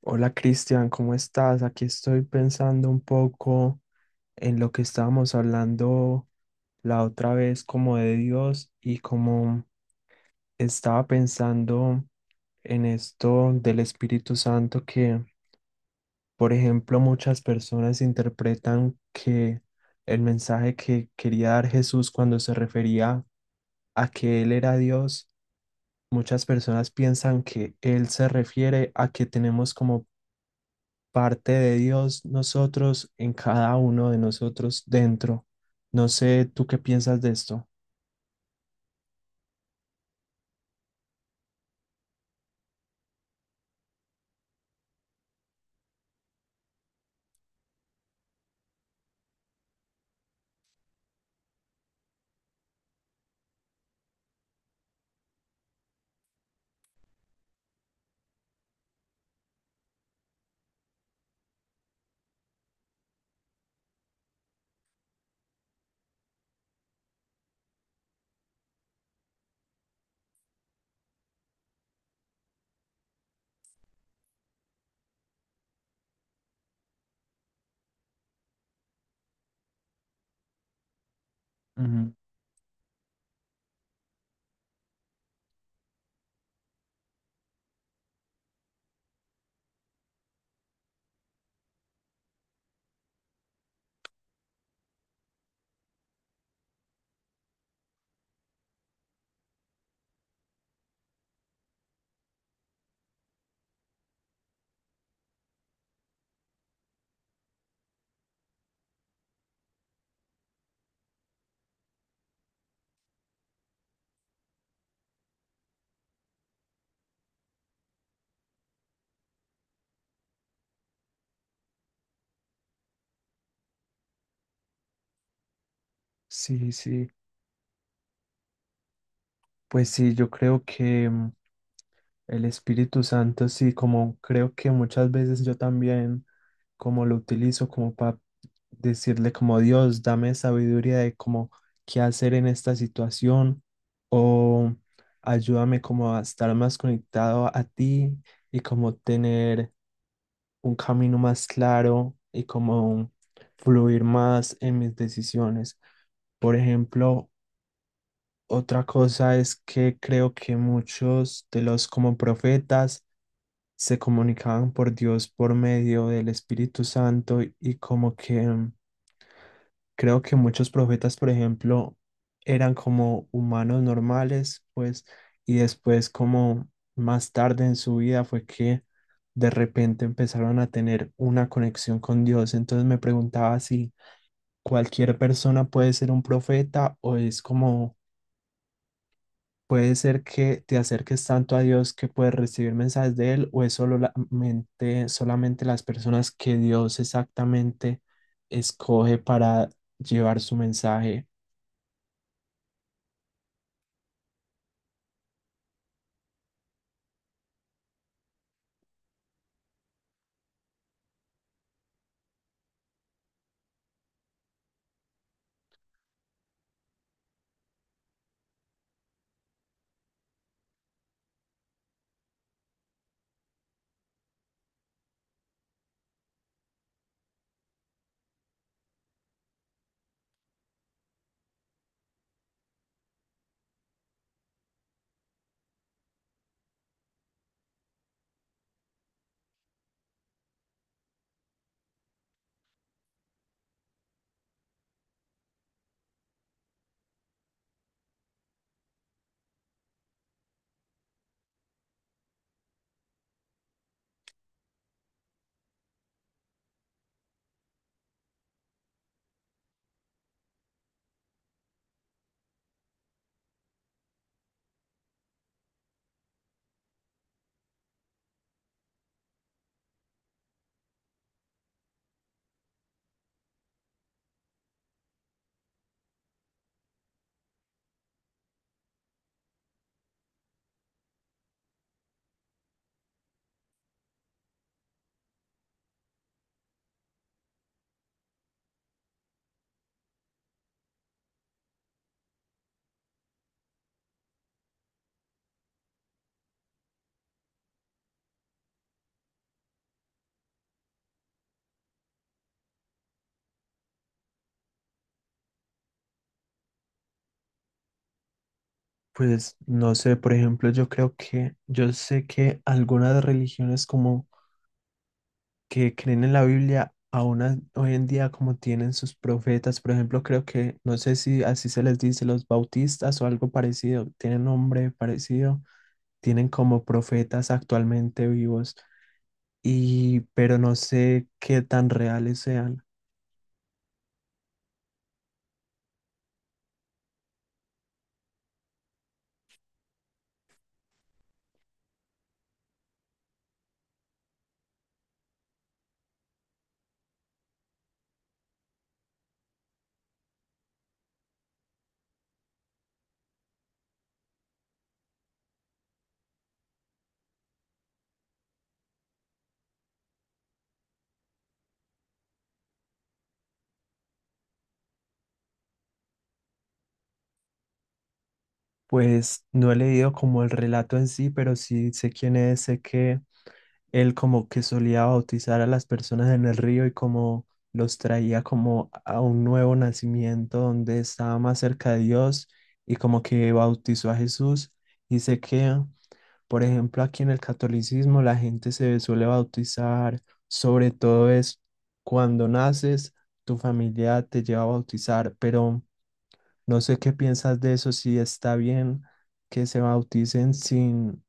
Hola Cristian, ¿cómo estás? Aquí estoy pensando un poco en lo que estábamos hablando la otra vez como de Dios y como estaba pensando en esto del Espíritu Santo que, por ejemplo, muchas personas interpretan que el mensaje que quería dar Jesús cuando se refería a que Él era Dios, muchas personas piensan que Él se refiere a que tenemos como parte de Dios nosotros, en cada uno de nosotros dentro. No sé, ¿tú qué piensas de esto? Ujú. Sí, sí, pues sí, yo creo que el Espíritu Santo, sí, como creo que muchas veces yo también, como lo utilizo como para decirle como Dios, dame sabiduría de cómo qué hacer en esta situación o ayúdame como a estar más conectado a ti y como tener un camino más claro y como fluir más en mis decisiones. Por ejemplo, otra cosa es que creo que muchos de los como profetas se comunicaban por Dios por medio del Espíritu Santo y como que creo que muchos profetas, por ejemplo, eran como humanos normales, pues, y después como más tarde en su vida fue que de repente empezaron a tener una conexión con Dios. Entonces me preguntaba si cualquier persona puede ser un profeta o es como puede ser que te acerques tanto a Dios que puedes recibir mensajes de Él, o es solamente las personas que Dios exactamente escoge para llevar su mensaje. Pues no sé, por ejemplo, yo creo que, yo sé que algunas religiones como que creen en la Biblia, aún hoy en día como tienen sus profetas, por ejemplo, creo que, no sé si así se les dice, los bautistas o algo parecido, tienen nombre parecido, tienen como profetas actualmente vivos, y pero no sé qué tan reales sean. Pues no he leído como el relato en sí, pero sí sé quién es, sé que él como que solía bautizar a las personas en el río y como los traía como a un nuevo nacimiento donde estaba más cerca de Dios y como que bautizó a Jesús y sé que, por ejemplo, aquí en el catolicismo la gente se suele bautizar, sobre todo es cuando naces, tu familia te lleva a bautizar, pero no sé qué piensas de eso, si está bien que se bauticen sin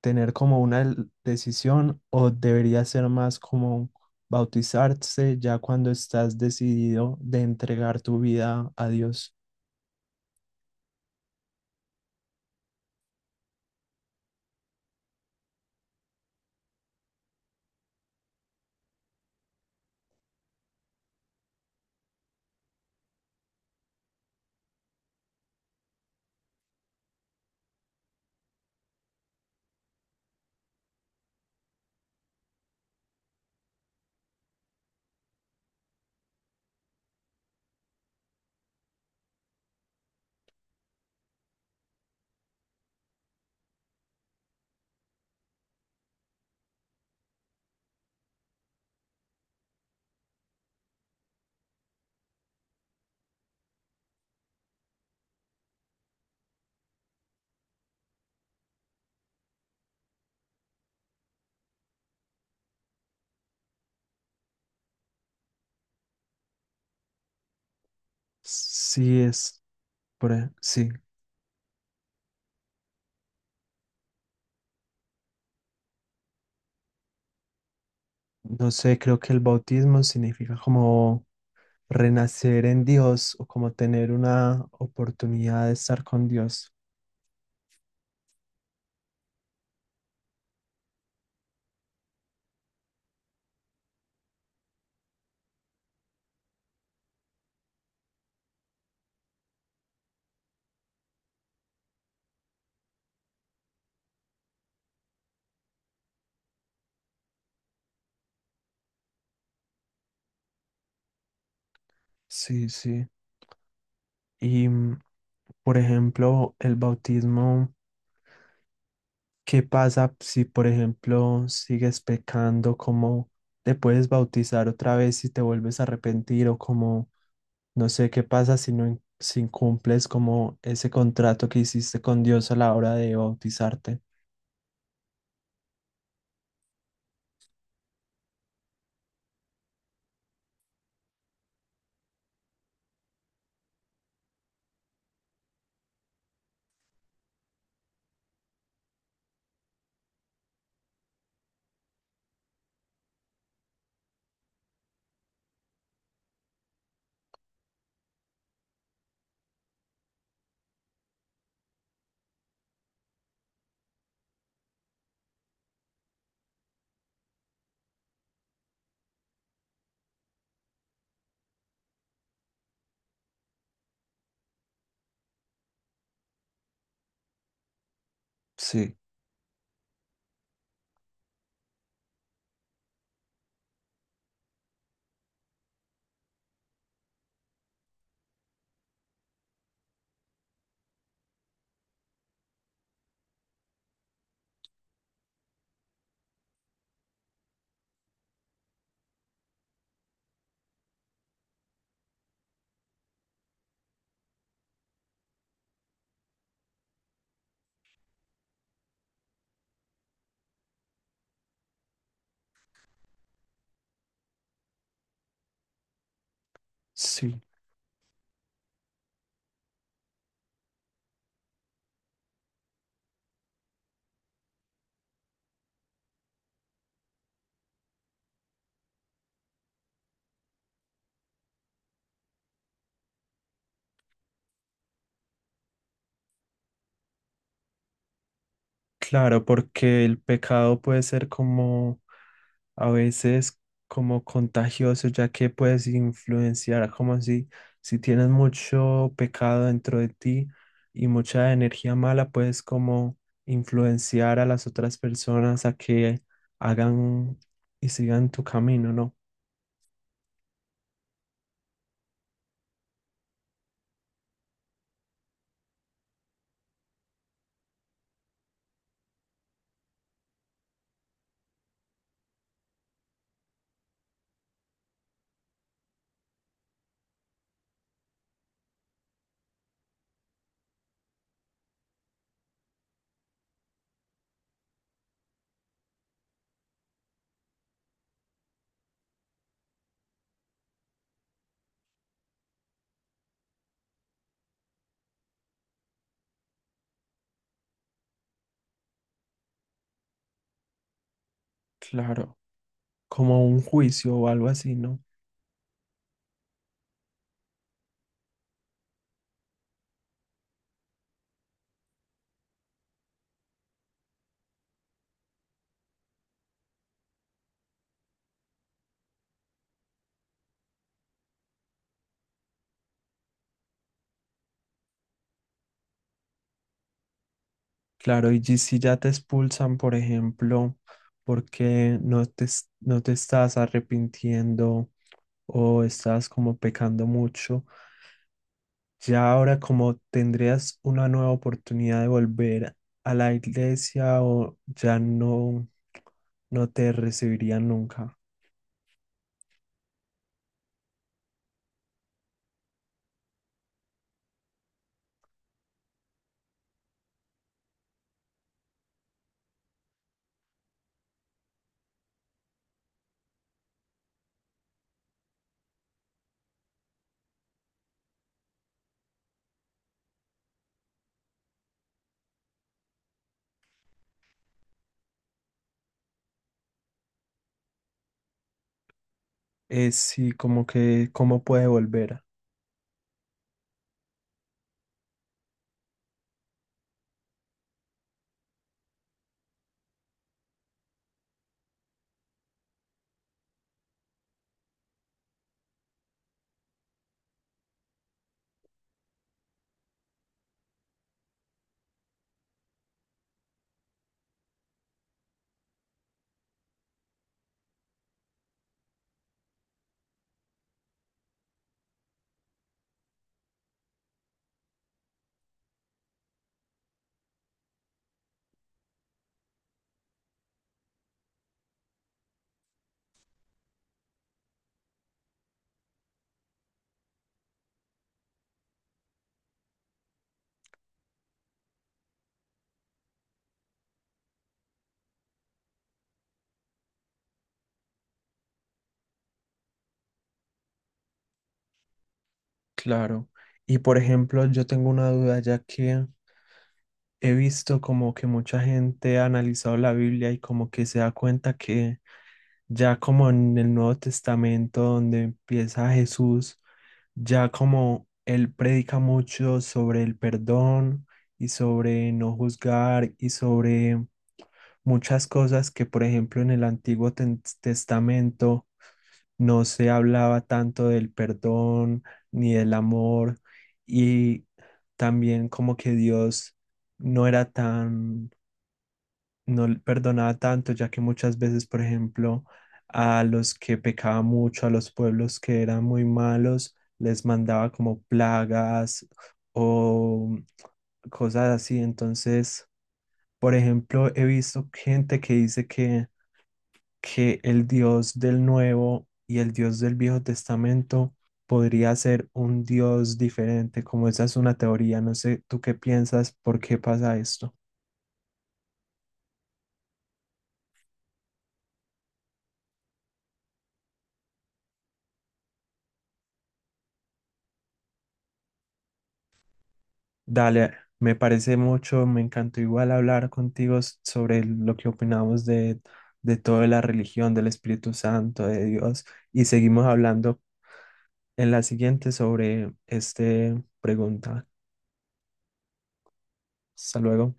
tener como una decisión o debería ser más como bautizarse ya cuando estás decidido de entregar tu vida a Dios. Sí es, sí, no sé, creo que el bautismo significa como renacer en Dios o como tener una oportunidad de estar con Dios. Sí, sí. Y, por ejemplo, el bautismo, ¿qué pasa si, por ejemplo, sigues pecando? ¿Cómo te puedes bautizar otra vez si te vuelves a arrepentir o como, no sé, qué pasa si no si incumples como ese contrato que hiciste con Dios a la hora de bautizarte? Sí, sí. Claro, porque el pecado puede ser como a veces como contagioso, ya que puedes influenciar como si, si tienes mucho pecado dentro de ti y mucha energía mala, puedes como influenciar a las otras personas a que hagan y sigan tu camino, ¿no? Claro, como un juicio o algo así, ¿no? Claro, y si ya te expulsan, por ejemplo, porque no te, no te estás arrepintiendo o estás como pecando mucho, ya ahora como tendrías una nueva oportunidad de volver a la iglesia o ya no, no te recibirían nunca. Es sí, como que cómo puede volver, claro. Y por ejemplo, yo tengo una duda ya que he visto como que mucha gente ha analizado la Biblia y como que se da cuenta que ya como en el Nuevo Testamento donde empieza Jesús, ya como él predica mucho sobre el perdón y sobre no juzgar y sobre muchas cosas que, por ejemplo, en el Antiguo Testamento no se hablaba tanto del perdón ni del amor y también como que Dios no era tan no perdonaba tanto, ya que muchas veces, por ejemplo, a los que pecaban mucho, a los pueblos que eran muy malos, les mandaba como plagas o cosas así. Entonces, por ejemplo, he visto gente que dice que el Dios del Nuevo y el Dios del Viejo Testamento podría ser un Dios diferente, como esa es una teoría. No sé, ¿tú qué piensas? ¿Por qué pasa esto? Dale, me parece mucho, me encantó igual hablar contigo sobre lo que opinamos de toda la religión, del Espíritu Santo, de Dios, y seguimos hablando en la siguiente sobre esta pregunta. Hasta luego.